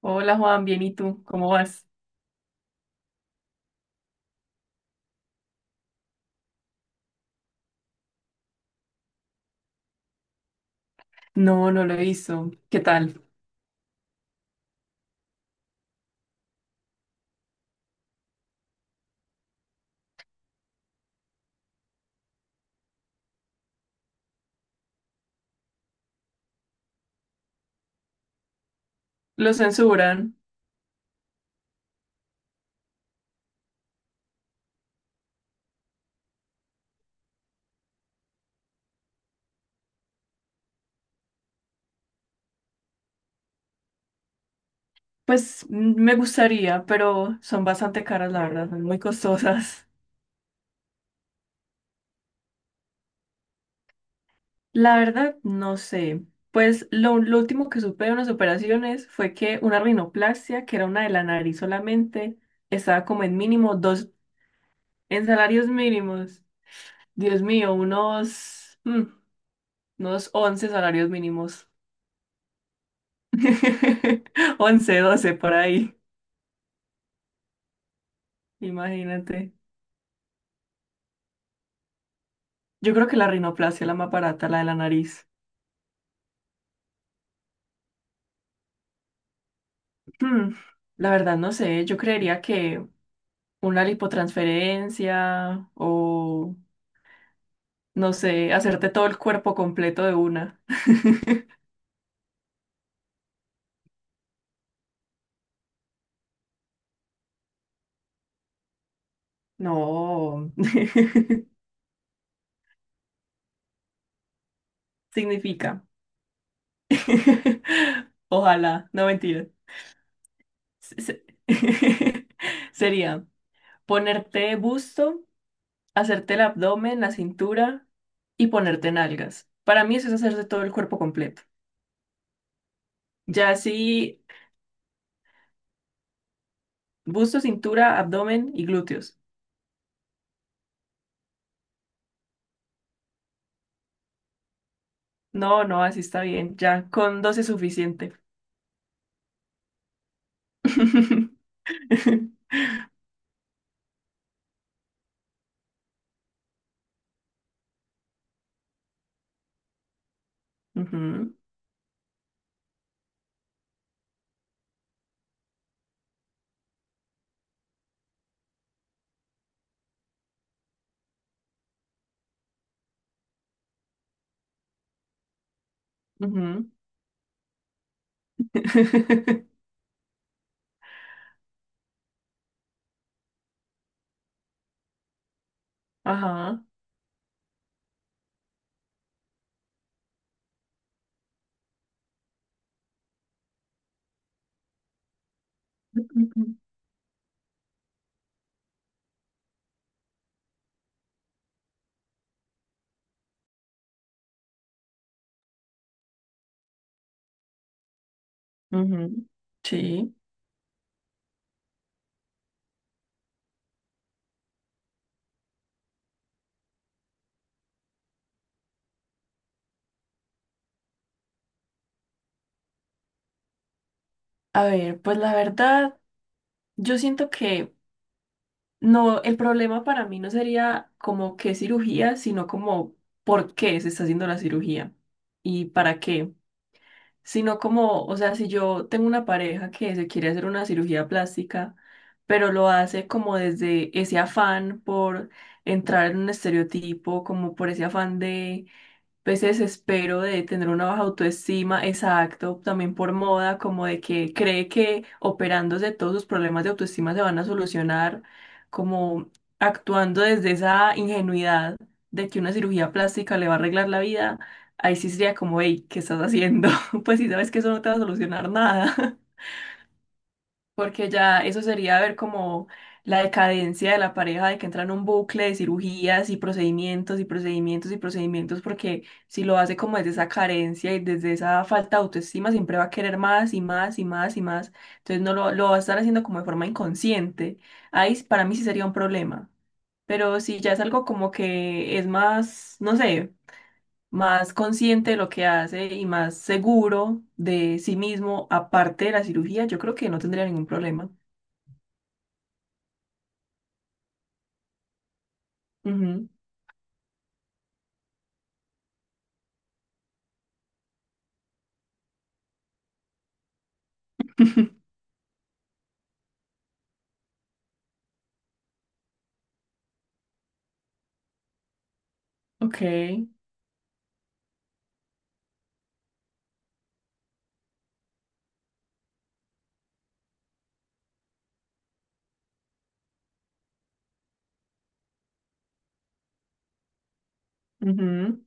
Hola Juan, bien, ¿y tú? ¿Cómo vas? No, no lo hizo. ¿Qué tal? ¿Lo censuran? Pues me gustaría, pero son bastante caras, la verdad, son muy costosas. La verdad, no sé. Pues lo último que supe de unas operaciones fue que una rinoplastia, que era una de la nariz solamente, estaba como en mínimo 2, en salarios mínimos. Dios mío, unos, unos 11 salarios mínimos. 11, 12 por ahí, imagínate. Yo creo que la rinoplastia es la más barata, la de la nariz. Hmm, la verdad no sé, yo creería que una lipotransferencia o, no sé, hacerte todo el cuerpo completo de una. No, significa. Ojalá, no mentira. Se- se- Sería ponerte busto, hacerte el abdomen, la cintura y ponerte nalgas. Para mí eso es hacerte todo el cuerpo completo. Ya si busto, cintura, abdomen y glúteos. No, no, así está bien. Ya, con 2 es suficiente. Ujú, ujú. Ajá. Ujú. Sí. A ver, pues la verdad, yo siento que no, el problema para mí no sería como qué cirugía, sino como por qué se está haciendo la cirugía y para qué. Sino como, o sea, si yo tengo una pareja que se quiere hacer una cirugía plástica, pero lo hace como desde ese afán por entrar en un estereotipo, como por ese afán de pues, ese desespero de tener una baja autoestima, exacto, también por moda, como de que cree que operándose todos sus problemas de autoestima se van a solucionar, como actuando desde esa ingenuidad de que una cirugía plástica le va a arreglar la vida, ahí sí sería como, hey, ¿qué estás haciendo? Pues si sabes que eso no te va a solucionar nada. Porque ya eso sería ver como la decadencia de la pareja, de que entra en un bucle de cirugías y procedimientos y procedimientos y procedimientos, porque si lo hace como desde esa carencia y desde esa falta de autoestima, siempre va a querer más y más y más y más. Entonces no lo va a estar haciendo como de forma inconsciente. Ahí para mí sí sería un problema. Pero si ya es algo como que es más, no sé, más consciente de lo que hace y más seguro de sí mismo, aparte de la cirugía, yo creo que no tendría ningún problema. Ujú, ok. Ujú,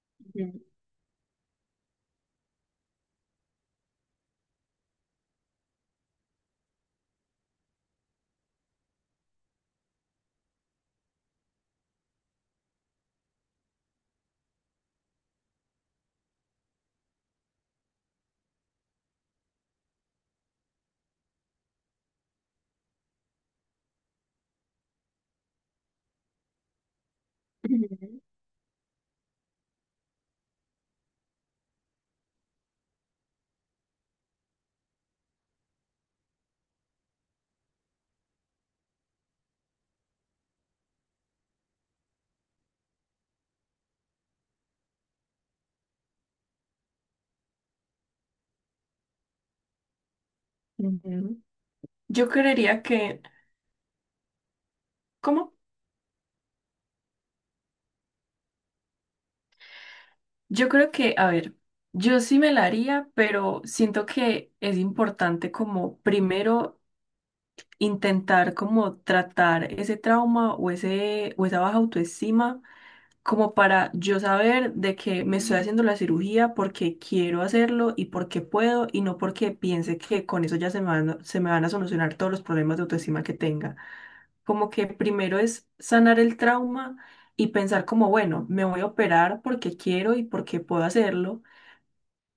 ujú, ujú, ujú. Yo creería que, ¿cómo? Yo creo que, a ver, yo sí me la haría, pero siento que es importante como primero intentar como tratar ese trauma o ese o esa baja autoestima como para yo saber de que me estoy haciendo la cirugía porque quiero hacerlo y porque puedo y no porque piense que con eso ya se me van, se me van a solucionar todos los problemas de autoestima que tenga. Como que primero es sanar el trauma y pensar como, bueno, me voy a operar porque quiero y porque puedo hacerlo,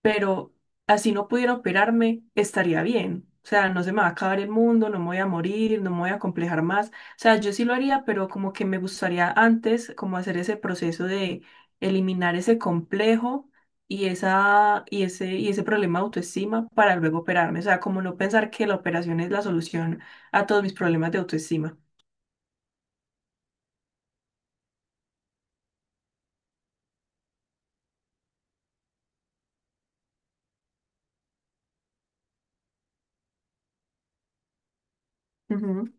pero así no pudiera operarme, estaría bien. O sea, no se me va a acabar el mundo, no me voy a morir, no me voy a complejar más. O sea, yo sí lo haría, pero como que me gustaría antes como hacer ese proceso de eliminar ese complejo y esa y ese problema de autoestima para luego operarme. O sea, como no pensar que la operación es la solución a todos mis problemas de autoestima. Ujú.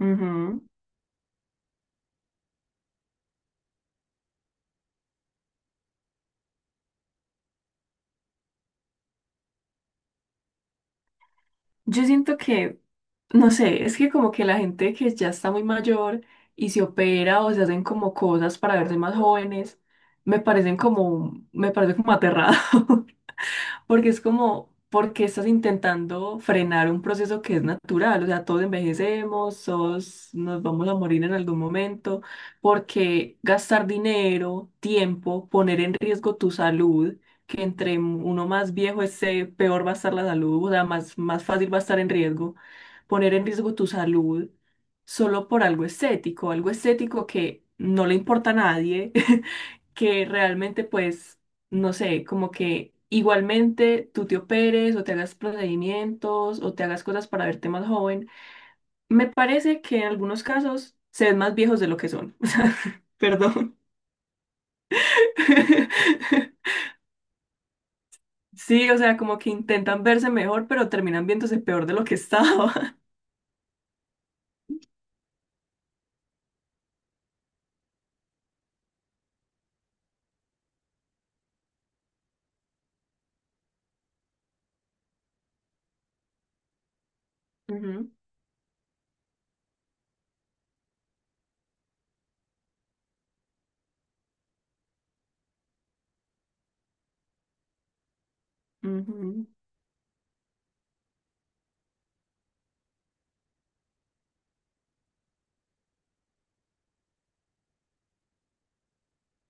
Ujú. Yo siento que, no sé, es que como que la gente que ya está muy mayor y se opera o se hacen como cosas para verse más jóvenes, me parecen como, me parece como aterrado. ¿Porque es como, porque estás intentando frenar un proceso que es natural? O sea, todos envejecemos, todos nos vamos a morir en algún momento. ¿Porque gastar dinero, tiempo, poner en riesgo tu salud? Que entre uno más viejo esté, peor va a estar la salud, o sea, más, más fácil va a estar en riesgo, poner en riesgo tu salud solo por algo estético que no le importa a nadie, que realmente pues no sé, como que igualmente tú te operes o te hagas procedimientos o te hagas cosas para verte más joven. Me parece que en algunos casos se ven más viejos de lo que son. Perdón. Sí, o sea, como que intentan verse mejor, pero terminan viéndose peor de lo que estaba. Ujú, ujú.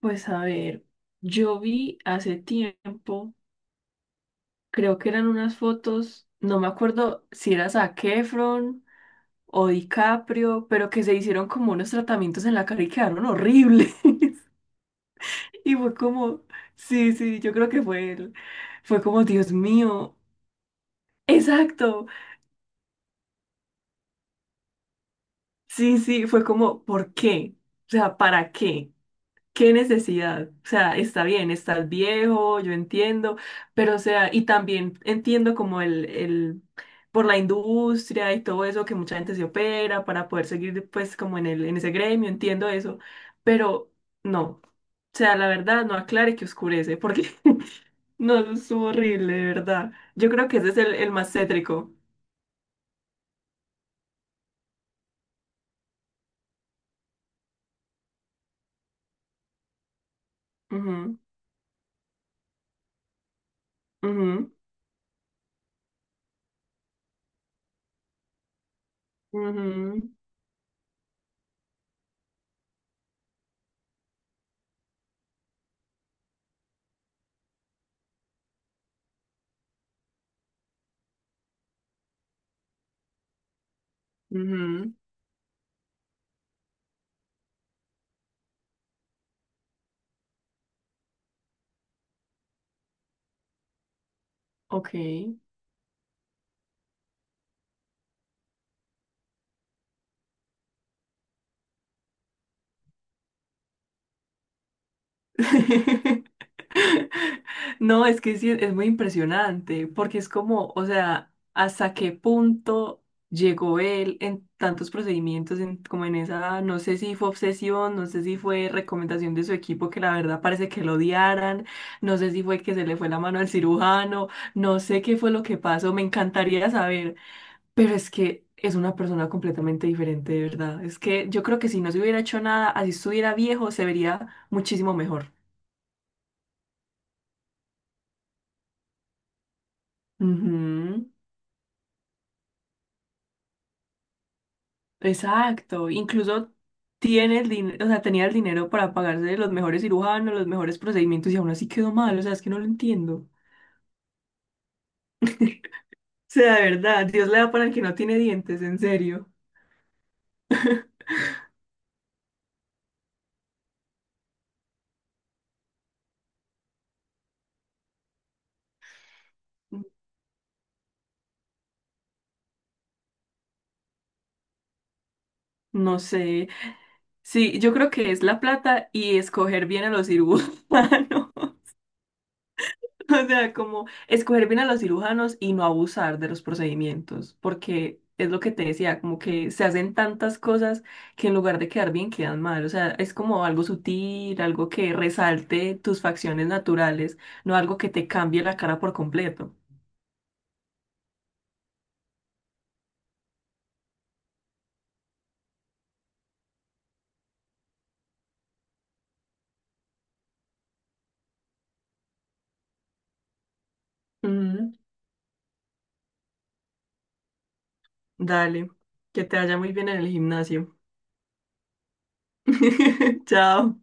Pues a ver, yo vi hace tiempo, creo que eran unas fotos, no me acuerdo si era Zac Efron o DiCaprio, pero que se hicieron como unos tratamientos en la cara y quedaron horribles. Y fue como, sí, sí, yo creo que fue él. Fue como, Dios mío, exacto. Sí, sí, fue como, ¿por qué? O sea, ¿para qué? ¿Qué necesidad? O sea, está bien, estás viejo, yo entiendo, pero o sea, y también entiendo como por la industria y todo eso que mucha gente se opera para poder seguir pues como en el, en ese gremio, entiendo eso, pero no, o sea, la verdad no aclare que oscurece, porque no, eso estuvo horrible, de verdad. Yo creo que ese es el más cétrico. Ujú, ujú, ujú, ujú, ok. No, es que sí, es muy impresionante, porque es como, o sea, hasta qué punto llegó él en tantos procedimientos, como en esa, no sé si fue obsesión, no sé si fue recomendación de su equipo, que la verdad parece que lo odiaran, no sé si fue que se le fue la mano al cirujano, no sé qué fue lo que pasó, me encantaría saber, pero es que es una persona completamente diferente, de verdad. Es que yo creo que si no se hubiera hecho nada, así estuviera viejo, se vería muchísimo mejor. Ujú. Exacto, incluso tiene el dinero, o sea, tenía el dinero para pagarse los mejores cirujanos, los mejores procedimientos y aún así quedó mal, o sea, es que no lo entiendo. O sea, de verdad, Dios le da para el que no tiene dientes, en serio. No sé. Sí, yo creo que es la plata y escoger bien a los cirujanos. O sea, como escoger bien a los cirujanos y no abusar de los procedimientos, porque es lo que te decía, como que se hacen tantas cosas que en lugar de quedar bien, quedan mal. O sea, es como algo sutil, algo que resalte tus facciones naturales, no algo que te cambie la cara por completo. Mm, dale, que te vaya muy bien en el gimnasio. Chao.